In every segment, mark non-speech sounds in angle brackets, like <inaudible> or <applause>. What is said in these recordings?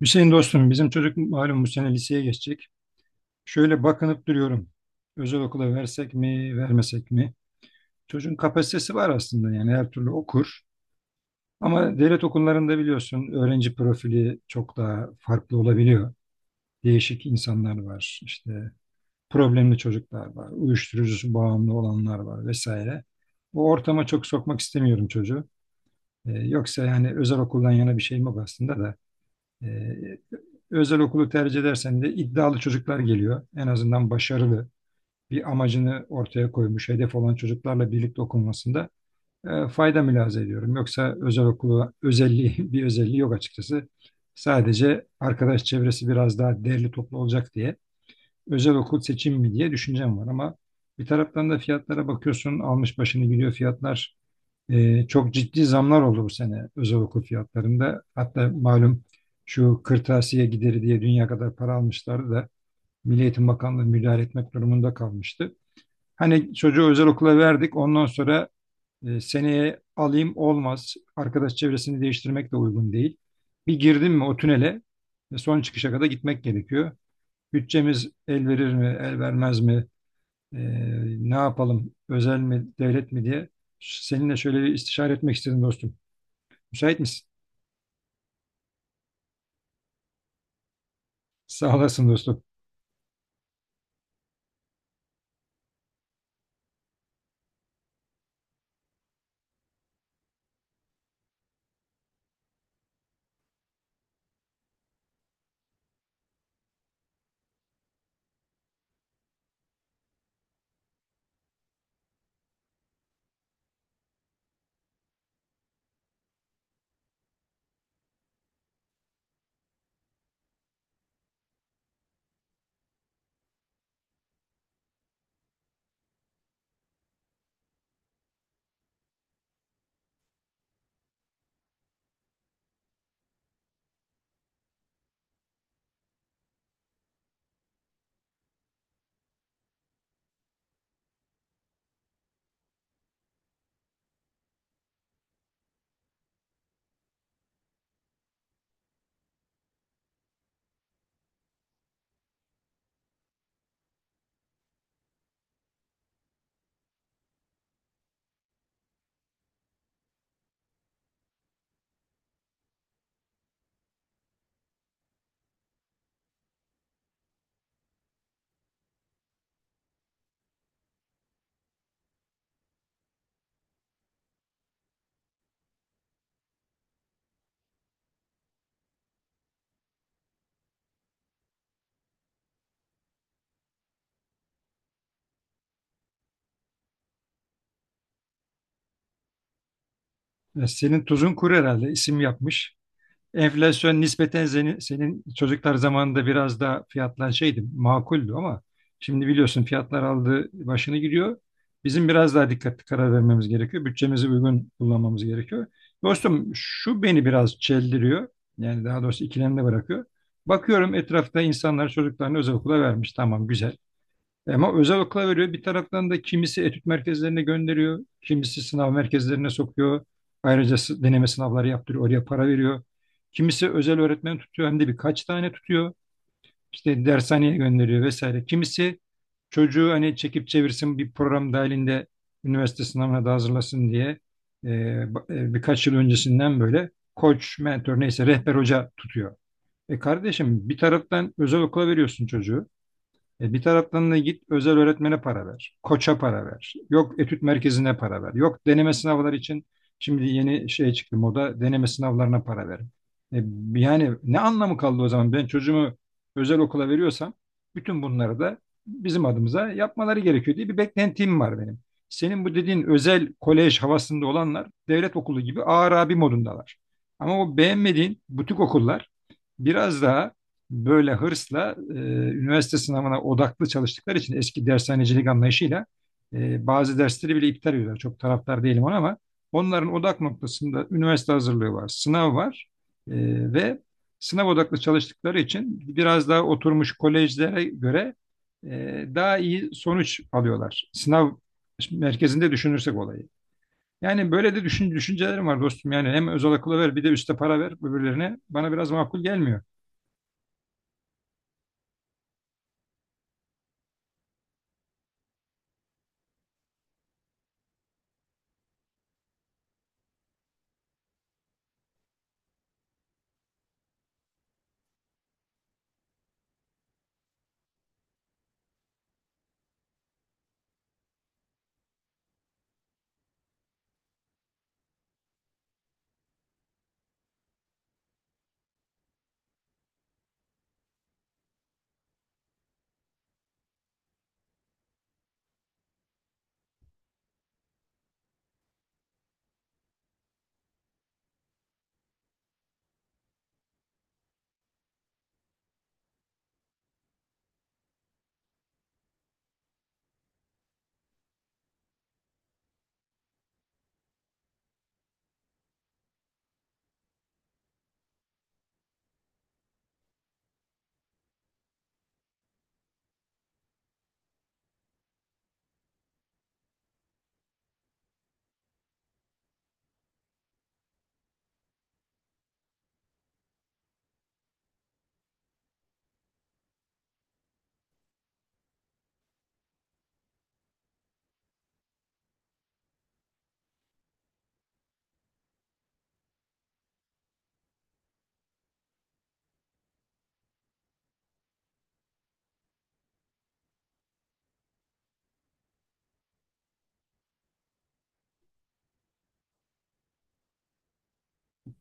Hüseyin dostum bizim çocuk malum bu sene liseye geçecek. Şöyle bakınıp duruyorum. Özel okula versek mi, vermesek mi? Çocuğun kapasitesi var aslında yani her türlü okur. Ama devlet okullarında biliyorsun öğrenci profili çok daha farklı olabiliyor. Değişik insanlar var, işte problemli çocuklar var, uyuşturucusu bağımlı olanlar var vesaire. O ortama çok sokmak istemiyorum çocuğu. Yoksa yani özel okuldan yana bir şeyim yok aslında da. Ee, Özel okulu tercih edersen de iddialı çocuklar geliyor. En azından başarılı bir amacını ortaya koymuş, hedef olan çocuklarla birlikte okunmasında fayda mülahaza ediyorum. Yoksa özel okulu özelliği <laughs> bir özelliği yok açıkçası. Sadece arkadaş çevresi biraz daha derli toplu olacak diye özel okul seçim mi diye düşüncem var ama bir taraftan da fiyatlara bakıyorsun almış başını gidiyor fiyatlar çok ciddi zamlar oldu bu sene özel okul fiyatlarında. Hatta malum şu kırtasiye gideri diye dünya kadar para almışlardı da Milli Eğitim Bakanlığı müdahale etmek durumunda kalmıştı. Hani çocuğu özel okula verdik ondan sonra seneye alayım olmaz. Arkadaş çevresini değiştirmek de uygun değil. Bir girdim mi o tünele son çıkışa kadar gitmek gerekiyor. Bütçemiz el verir mi, el vermez mi? E, Ne yapalım, özel mi, devlet mi diye seninle şöyle bir istişare etmek istedim dostum. Müsait misin? Sağ olasın dostum. Senin tuzun kuru herhalde isim yapmış. Enflasyon nispeten senin çocuklar zamanında biraz daha fiyatlar şeydi, makuldü ama şimdi biliyorsun fiyatlar aldı başını gidiyor. Bizim biraz daha dikkatli karar vermemiz gerekiyor. Bütçemizi uygun kullanmamız gerekiyor. Dostum şu beni biraz çeldiriyor. Yani daha doğrusu ikilemde bırakıyor. Bakıyorum etrafta insanlar çocuklarını özel okula vermiş. Tamam güzel. Ama özel okula veriyor. Bir taraftan da kimisi etüt merkezlerine gönderiyor. Kimisi sınav merkezlerine sokuyor. Ayrıca deneme sınavları yaptırıyor. Oraya para veriyor. Kimisi özel öğretmen tutuyor. Hem de birkaç tane tutuyor. İşte dershaneye gönderiyor vesaire. Kimisi çocuğu hani çekip çevirsin bir program dahilinde üniversite sınavına da hazırlasın diye e, birkaç yıl öncesinden böyle koç, mentor neyse rehber hoca tutuyor. E kardeşim bir taraftan özel okula veriyorsun çocuğu. Bir taraftan da git özel öğretmene para ver, koça para ver, yok etüt merkezine para ver, yok deneme sınavları için şimdi yeni şey çıktı moda deneme sınavlarına para ver. E, Yani ne anlamı kaldı o zaman ben çocuğumu özel okula veriyorsam bütün bunları da bizim adımıza yapmaları gerekiyor diye bir beklentim var benim. Senin bu dediğin özel kolej havasında olanlar devlet okulu gibi ağır abi modundalar. Ama o beğenmediğin butik okullar biraz daha böyle hırsla üniversite sınavına odaklı çalıştıkları için eski dershanecilik anlayışıyla bazı dersleri bile iptal ediyorlar. Çok taraftar değilim ona ama onların odak noktasında üniversite hazırlığı var, sınav var. E, Ve sınav odaklı çalıştıkları için biraz daha oturmuş kolejlere göre daha iyi sonuç alıyorlar. Sınav merkezinde düşünürsek olayı. Yani böyle de düşüncelerim var dostum. Yani hem özel okula ver bir de üste para ver öbürlerine. Bana biraz makul gelmiyor.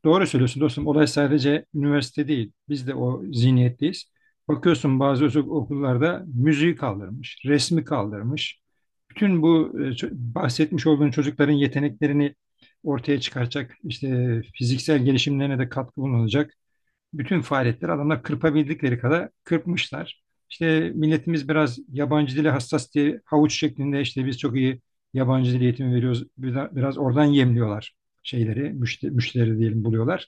Doğru söylüyorsun dostum. Olay sadece üniversite değil. Biz de o zihniyetteyiz. Bakıyorsun bazı özel okullarda müziği kaldırmış, resmi kaldırmış. Bütün bu bahsetmiş olduğun çocukların yeteneklerini ortaya çıkaracak, işte fiziksel gelişimlerine de katkı bulunacak bütün faaliyetleri adamlar kırpabildikleri kadar kırpmışlar. İşte milletimiz biraz yabancı dile hassas diye havuç şeklinde işte biz çok iyi yabancı dil eğitimi veriyoruz. Biraz, oradan yemliyorlar şeyleri, müşteri diyelim buluyorlar.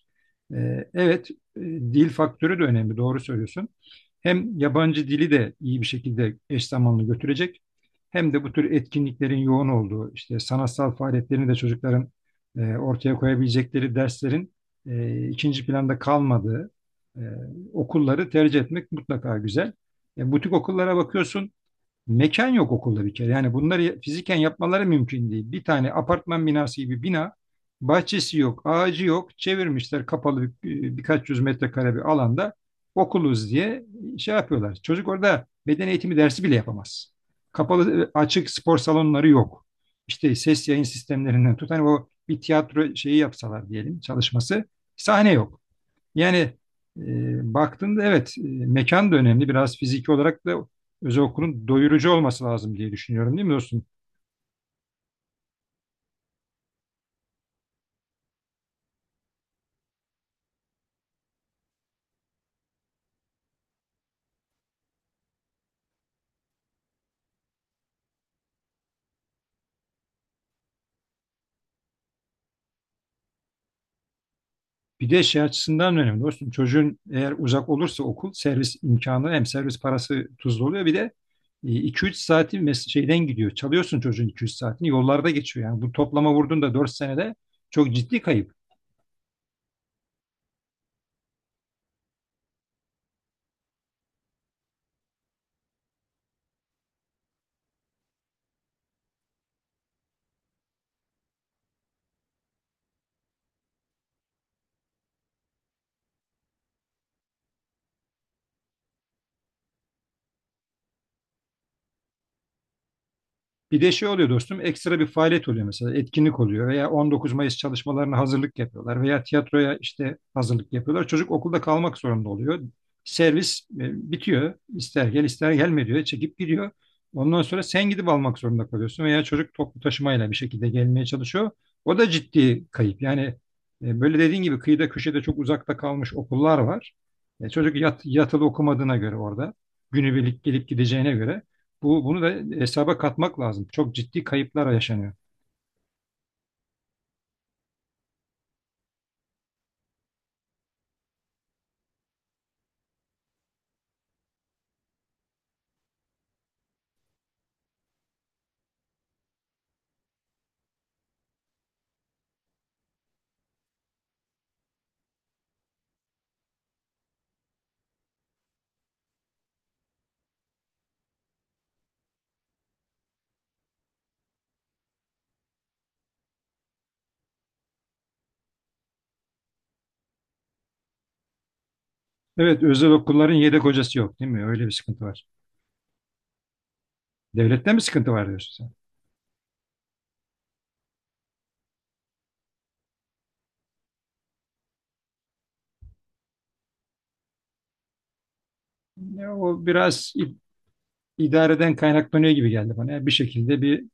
Evet, dil faktörü de önemli, doğru söylüyorsun. Hem yabancı dili de iyi bir şekilde eş zamanlı götürecek. Hem de bu tür etkinliklerin yoğun olduğu, işte sanatsal faaliyetlerini de çocukların ortaya koyabilecekleri derslerin ikinci planda kalmadığı, e, okulları tercih etmek mutlaka güzel. Butik okullara bakıyorsun, mekan yok okulda bir kere. Yani bunları fiziken yapmaları mümkün değil. Bir tane apartman binası gibi bina, bahçesi yok, ağacı yok. Çevirmişler kapalı birkaç yüz metrekare bir alanda okuluz diye şey yapıyorlar. Çocuk orada beden eğitimi dersi bile yapamaz. Açık spor salonları yok. İşte ses yayın sistemlerinden tut. Hani o bir tiyatro şeyi yapsalar diyelim çalışması. Sahne yok. Yani baktığında evet mekan da önemli. Biraz fiziki olarak da özel okulun doyurucu olması lazım diye düşünüyorum değil mi dostum? Bir de şey açısından önemli dostum. Çocuğun eğer uzak olursa okul servis imkanı hem servis parası tuzlu oluyor bir de iki üç saati şeyden gidiyor. Çalıyorsun çocuğun iki üç saatini yollarda geçiyor yani. Bu toplama vurduğunda 4 senede çok ciddi kayıp. Bir de şey oluyor dostum, ekstra bir faaliyet oluyor mesela, etkinlik oluyor veya 19 Mayıs çalışmalarına hazırlık yapıyorlar veya tiyatroya işte hazırlık yapıyorlar. Çocuk okulda kalmak zorunda oluyor. Servis bitiyor. İster gel ister gelme diyor. Çekip gidiyor. Ondan sonra sen gidip almak zorunda kalıyorsun veya çocuk toplu taşımayla bir şekilde gelmeye çalışıyor. O da ciddi kayıp. Yani böyle dediğin gibi kıyıda köşede çok uzakta kalmış okullar var. Çocuk yatılı okumadığına göre orada günübirlik gelip gideceğine göre bunu da hesaba katmak lazım. Çok ciddi kayıplar yaşanıyor. Evet, özel okulların yedek hocası yok, değil mi? Öyle bir sıkıntı var. Devlette mi sıkıntı var diyorsun sen? Ya, o idareden kaynaklanıyor gibi geldi bana. Yani bir şekilde bir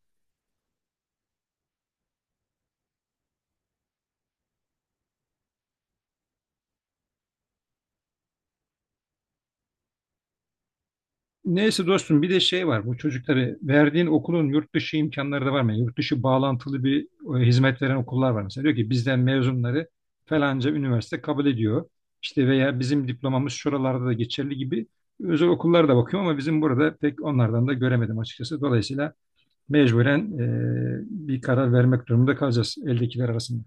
neyse dostum bir de şey var bu çocukları verdiğin okulun yurt dışı imkanları da var mı? Yani yurt dışı bağlantılı bir hizmet veren okullar var mesela. Diyor ki bizden mezunları falanca üniversite kabul ediyor. İşte veya bizim diplomamız şuralarda da geçerli gibi özel okullara da bakıyorum ama bizim burada pek onlardan da göremedim açıkçası. Dolayısıyla mecburen bir karar vermek durumunda kalacağız eldekiler arasında.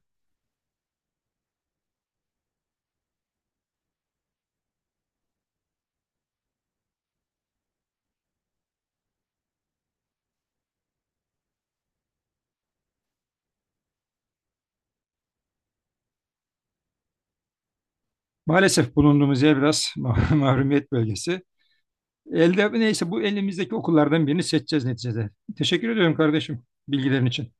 Maalesef bulunduğumuz yer biraz <laughs> mahrumiyet bölgesi. Elde neyse bu elimizdeki okullardan birini seçeceğiz neticede. Teşekkür ediyorum kardeşim bilgilerin için.